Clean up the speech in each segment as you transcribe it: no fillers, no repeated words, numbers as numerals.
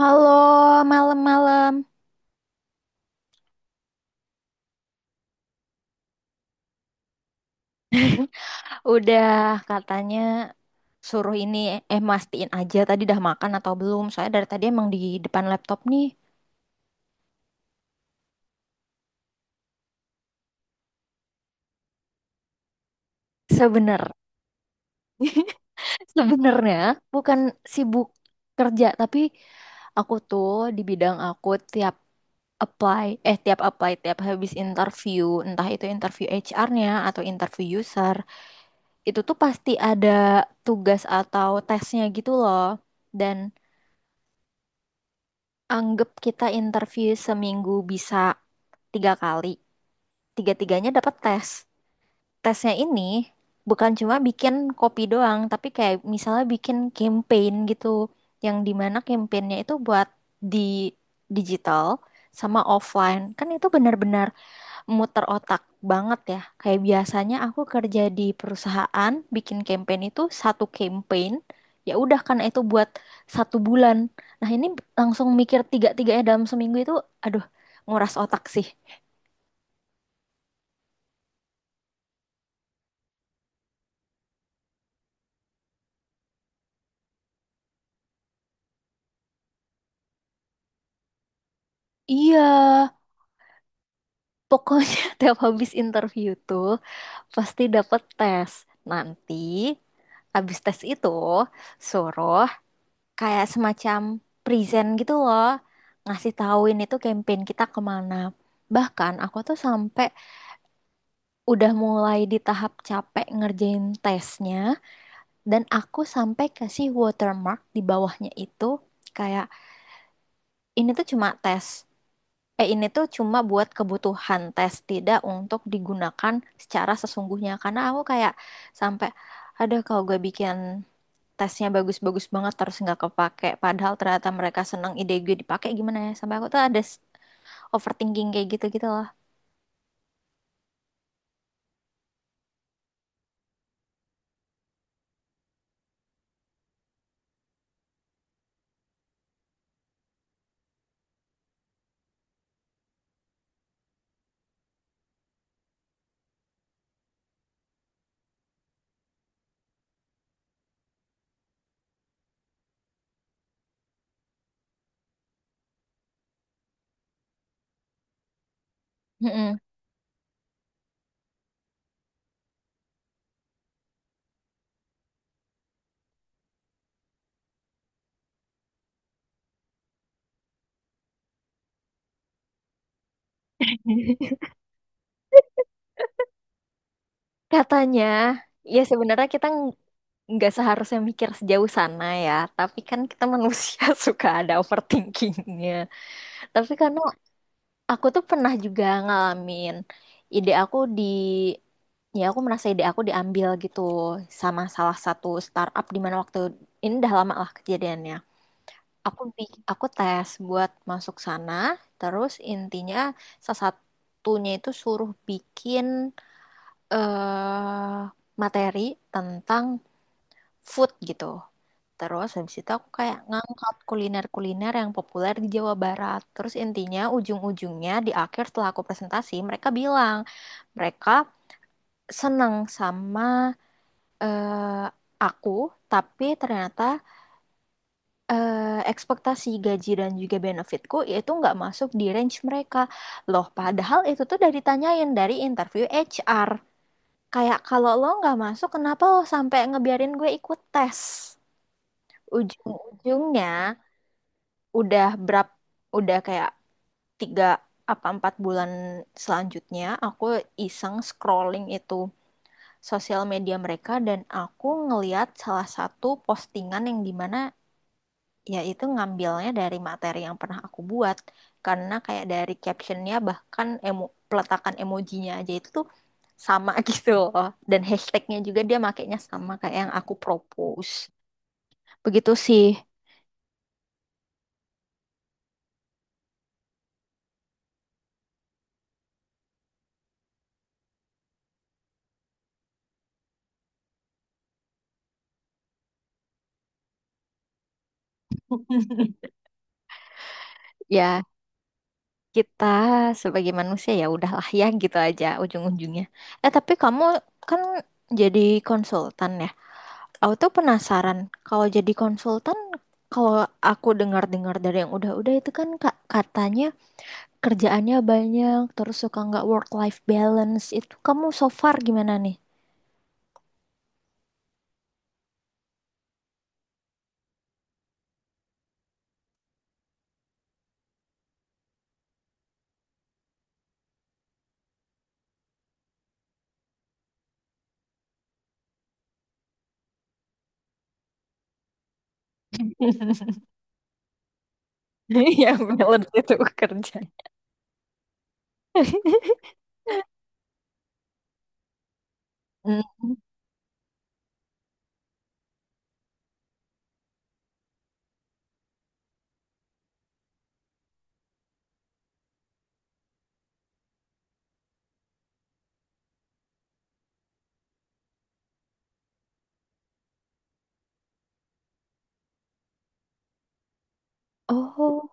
Halo, malam-malam. Udah katanya suruh ini eh mastiin aja tadi dah makan atau belum. Soalnya dari tadi emang di depan laptop nih. Sebener, sebenarnya bukan sibuk kerja, tapi aku tuh di bidang aku tiap tiap apply, tiap habis interview, entah itu interview HR-nya atau interview user, itu tuh pasti ada tugas atau tesnya gitu loh. Dan Anggap kita interview seminggu bisa 3 kali. Tiga-tiganya dapat tes. Tesnya ini bukan cuma bikin kopi doang, tapi kayak misalnya bikin campaign gitu. Yang dimana campaignnya itu buat di digital sama offline. Kan itu benar-benar muter otak banget ya. Kayak biasanya aku kerja di perusahaan, bikin campaign itu satu campaign, ya udah karena itu buat 1 bulan. Nah ini langsung mikir tiga-tiganya dalam seminggu itu, aduh nguras otak sih. Iya, pokoknya tiap habis interview tuh pasti dapet tes. Nanti habis tes itu suruh kayak semacam present gitu loh, ngasih tahuin itu campaign kita kemana. Bahkan aku tuh sampai udah mulai di tahap capek ngerjain tesnya dan aku sampai kasih watermark di bawahnya itu kayak ini tuh cuma tes ini tuh cuma buat kebutuhan tes, tidak untuk digunakan secara sesungguhnya, karena aku kayak sampai ada kalau gue bikin tesnya bagus-bagus banget terus nggak kepake padahal ternyata mereka senang ide gue dipakai gimana ya, sampai aku tuh ada overthinking kayak gitu gitu loh. Mm-mm. Katanya ya sebenarnya nggak seharusnya mikir sejauh sana ya, tapi kan kita manusia suka ada overthinkingnya. Tapi karena aku tuh pernah juga ngalamin ide aku di ya aku merasa ide aku diambil gitu sama salah satu startup, di mana waktu ini udah lama lah kejadiannya. Aku tes buat masuk sana, terus intinya salah satunya itu suruh bikin eh materi tentang food gitu. Terus habis itu aku kayak ngangkat kuliner-kuliner yang populer di Jawa Barat. Terus intinya ujung-ujungnya di akhir setelah aku presentasi mereka bilang mereka seneng sama eh, aku, tapi ternyata ekspektasi gaji dan juga benefitku itu nggak masuk di range mereka. Loh, padahal itu tuh udah ditanyain dari interview HR. Kayak kalau lo nggak masuk, kenapa lo sampai ngebiarin gue ikut tes? Ujung-ujungnya udah berap, udah kayak 3 apa 4 bulan selanjutnya aku iseng scrolling itu sosial media mereka, dan aku ngeliat salah satu postingan yang dimana ya itu ngambilnya dari materi yang pernah aku buat. Karena kayak dari captionnya bahkan peletakan emojinya aja itu tuh sama gitu loh. Dan hashtagnya juga dia makainya sama kayak yang aku propose. Begitu sih. Ya kita sebagai manusia ya udahlah ya gitu aja ujung-ujungnya. Eh tapi kamu kan jadi konsultan ya, aku tuh penasaran kalau jadi konsultan, kalau aku dengar-dengar dari yang udah-udah itu kan katanya kerjaannya banyak, terus suka nggak work-life balance. Itu kamu so far gimana nih? Ya, balance itu kerja. Mm. Oh,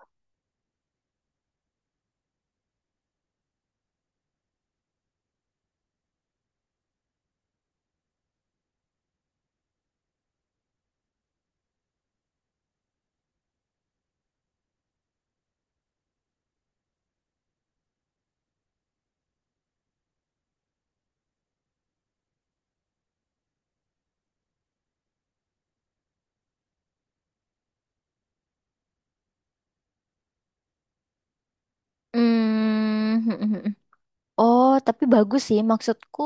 Mm. Oh, tapi bagus sih. Maksudku,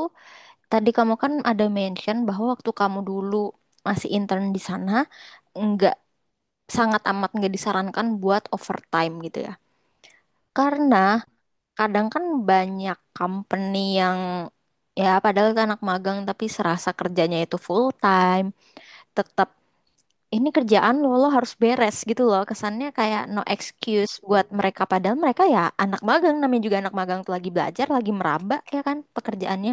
tadi kamu kan ada mention bahwa waktu kamu dulu masih intern di sana, nggak, sangat amat nggak disarankan buat overtime gitu ya. Karena kadang kan banyak company yang ya padahal itu anak magang tapi serasa kerjanya itu full time, tetap ini kerjaan lo lo harus beres gitu loh, kesannya kayak no excuse buat mereka, padahal mereka ya anak magang, namanya juga anak magang tuh lagi belajar, lagi meraba ya kan pekerjaannya.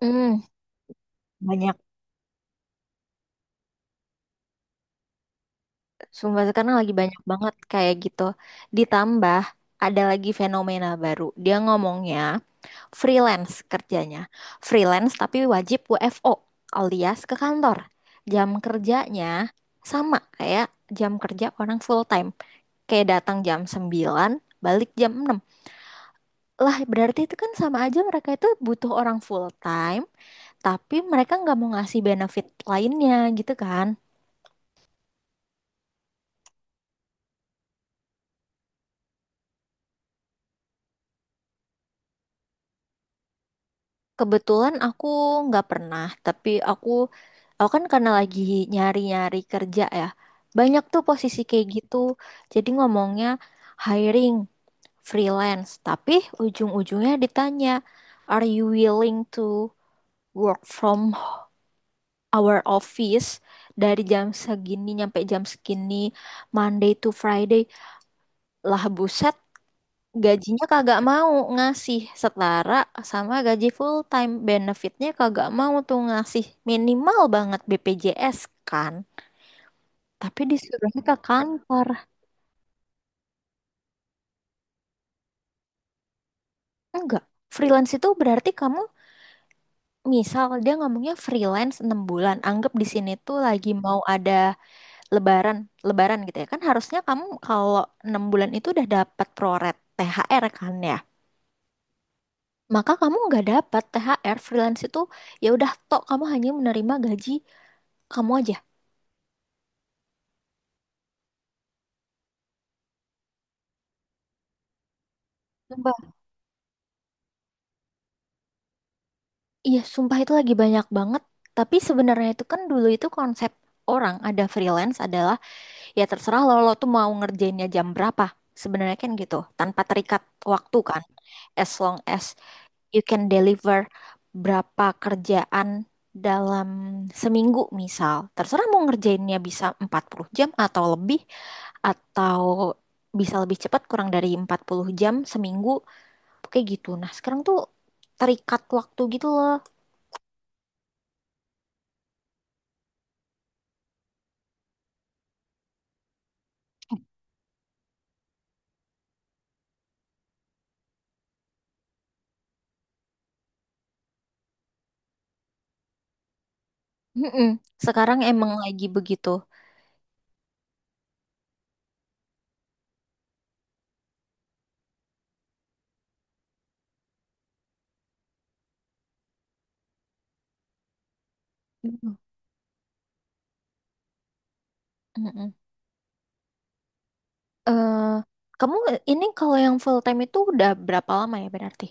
hmm Banyak, sumpah, sekarang lagi banyak banget kayak gitu. Ditambah ada lagi fenomena baru, dia ngomongnya freelance kerjanya. Freelance tapi wajib WFO alias ke kantor. Jam kerjanya sama kayak jam kerja orang full time. Kayak datang jam 9 balik jam 6. Lah berarti itu kan sama aja mereka itu butuh orang full time, tapi mereka nggak mau ngasih benefit lainnya gitu kan. Kebetulan aku nggak pernah, tapi aku kan karena lagi nyari-nyari kerja ya. Banyak tuh posisi kayak gitu. Jadi ngomongnya hiring, freelance, tapi ujung-ujungnya ditanya, "Are you willing to work from our office dari jam segini nyampe jam segini, Monday to Friday?" Lah buset, gajinya kagak mau ngasih setara sama gaji full time, benefitnya kagak mau tuh ngasih, minimal banget BPJS kan, tapi disuruhnya ke kantor. Enggak, freelance itu berarti kamu, misal dia ngomongnya freelance 6 bulan, anggap di sini tuh lagi mau ada lebaran lebaran gitu ya kan, harusnya kamu kalau 6 bulan itu udah dapat proret THR kan ya, maka kamu nggak dapat THR freelance itu, ya udah tok kamu hanya menerima gaji kamu aja. Sumpah. Iya, sumpah itu lagi banyak banget. Tapi sebenarnya itu kan dulu itu konsep orang ada freelance adalah ya terserah lo, lo tuh mau ngerjainnya jam berapa. Sebenarnya kan gitu, tanpa terikat waktu kan. As long as you can deliver berapa kerjaan dalam seminggu misal. Terserah mau ngerjainnya bisa 40 jam atau lebih, atau bisa lebih cepat kurang dari 40 jam seminggu. Kayak gitu. Nah, sekarang tuh terikat waktu gitu loh. Mm-mm. Sekarang emang lagi begitu. Mm. Mm-mm. Eh, kamu ini kalau yang full time itu udah berapa lama ya berarti?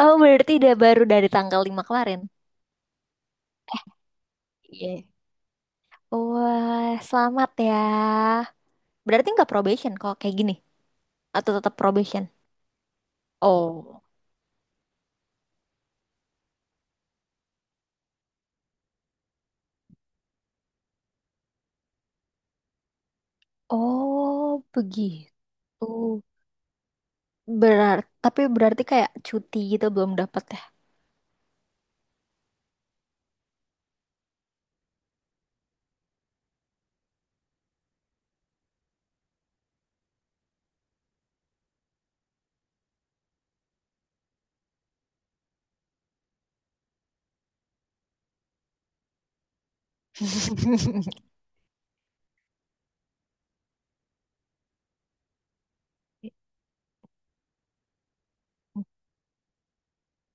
Oh, berarti udah baru dari tanggal 5 kemarin. Iya. Wah, selamat ya. Berarti nggak probation kalau kayak gini? Atau tetap probation? Oh, Oh, begitu. Berarti, tapi berarti kayak cuti gitu belum dapat ya?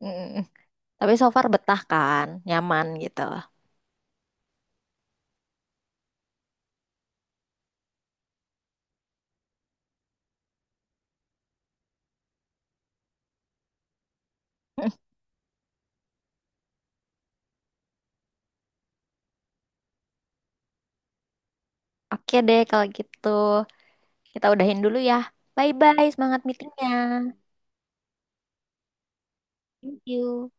Mm. Tapi so far betah kan, nyaman gitu. Oke deh kalau gitu. Kita udahin dulu ya. Bye-bye, semangat meetingnya. Thank you.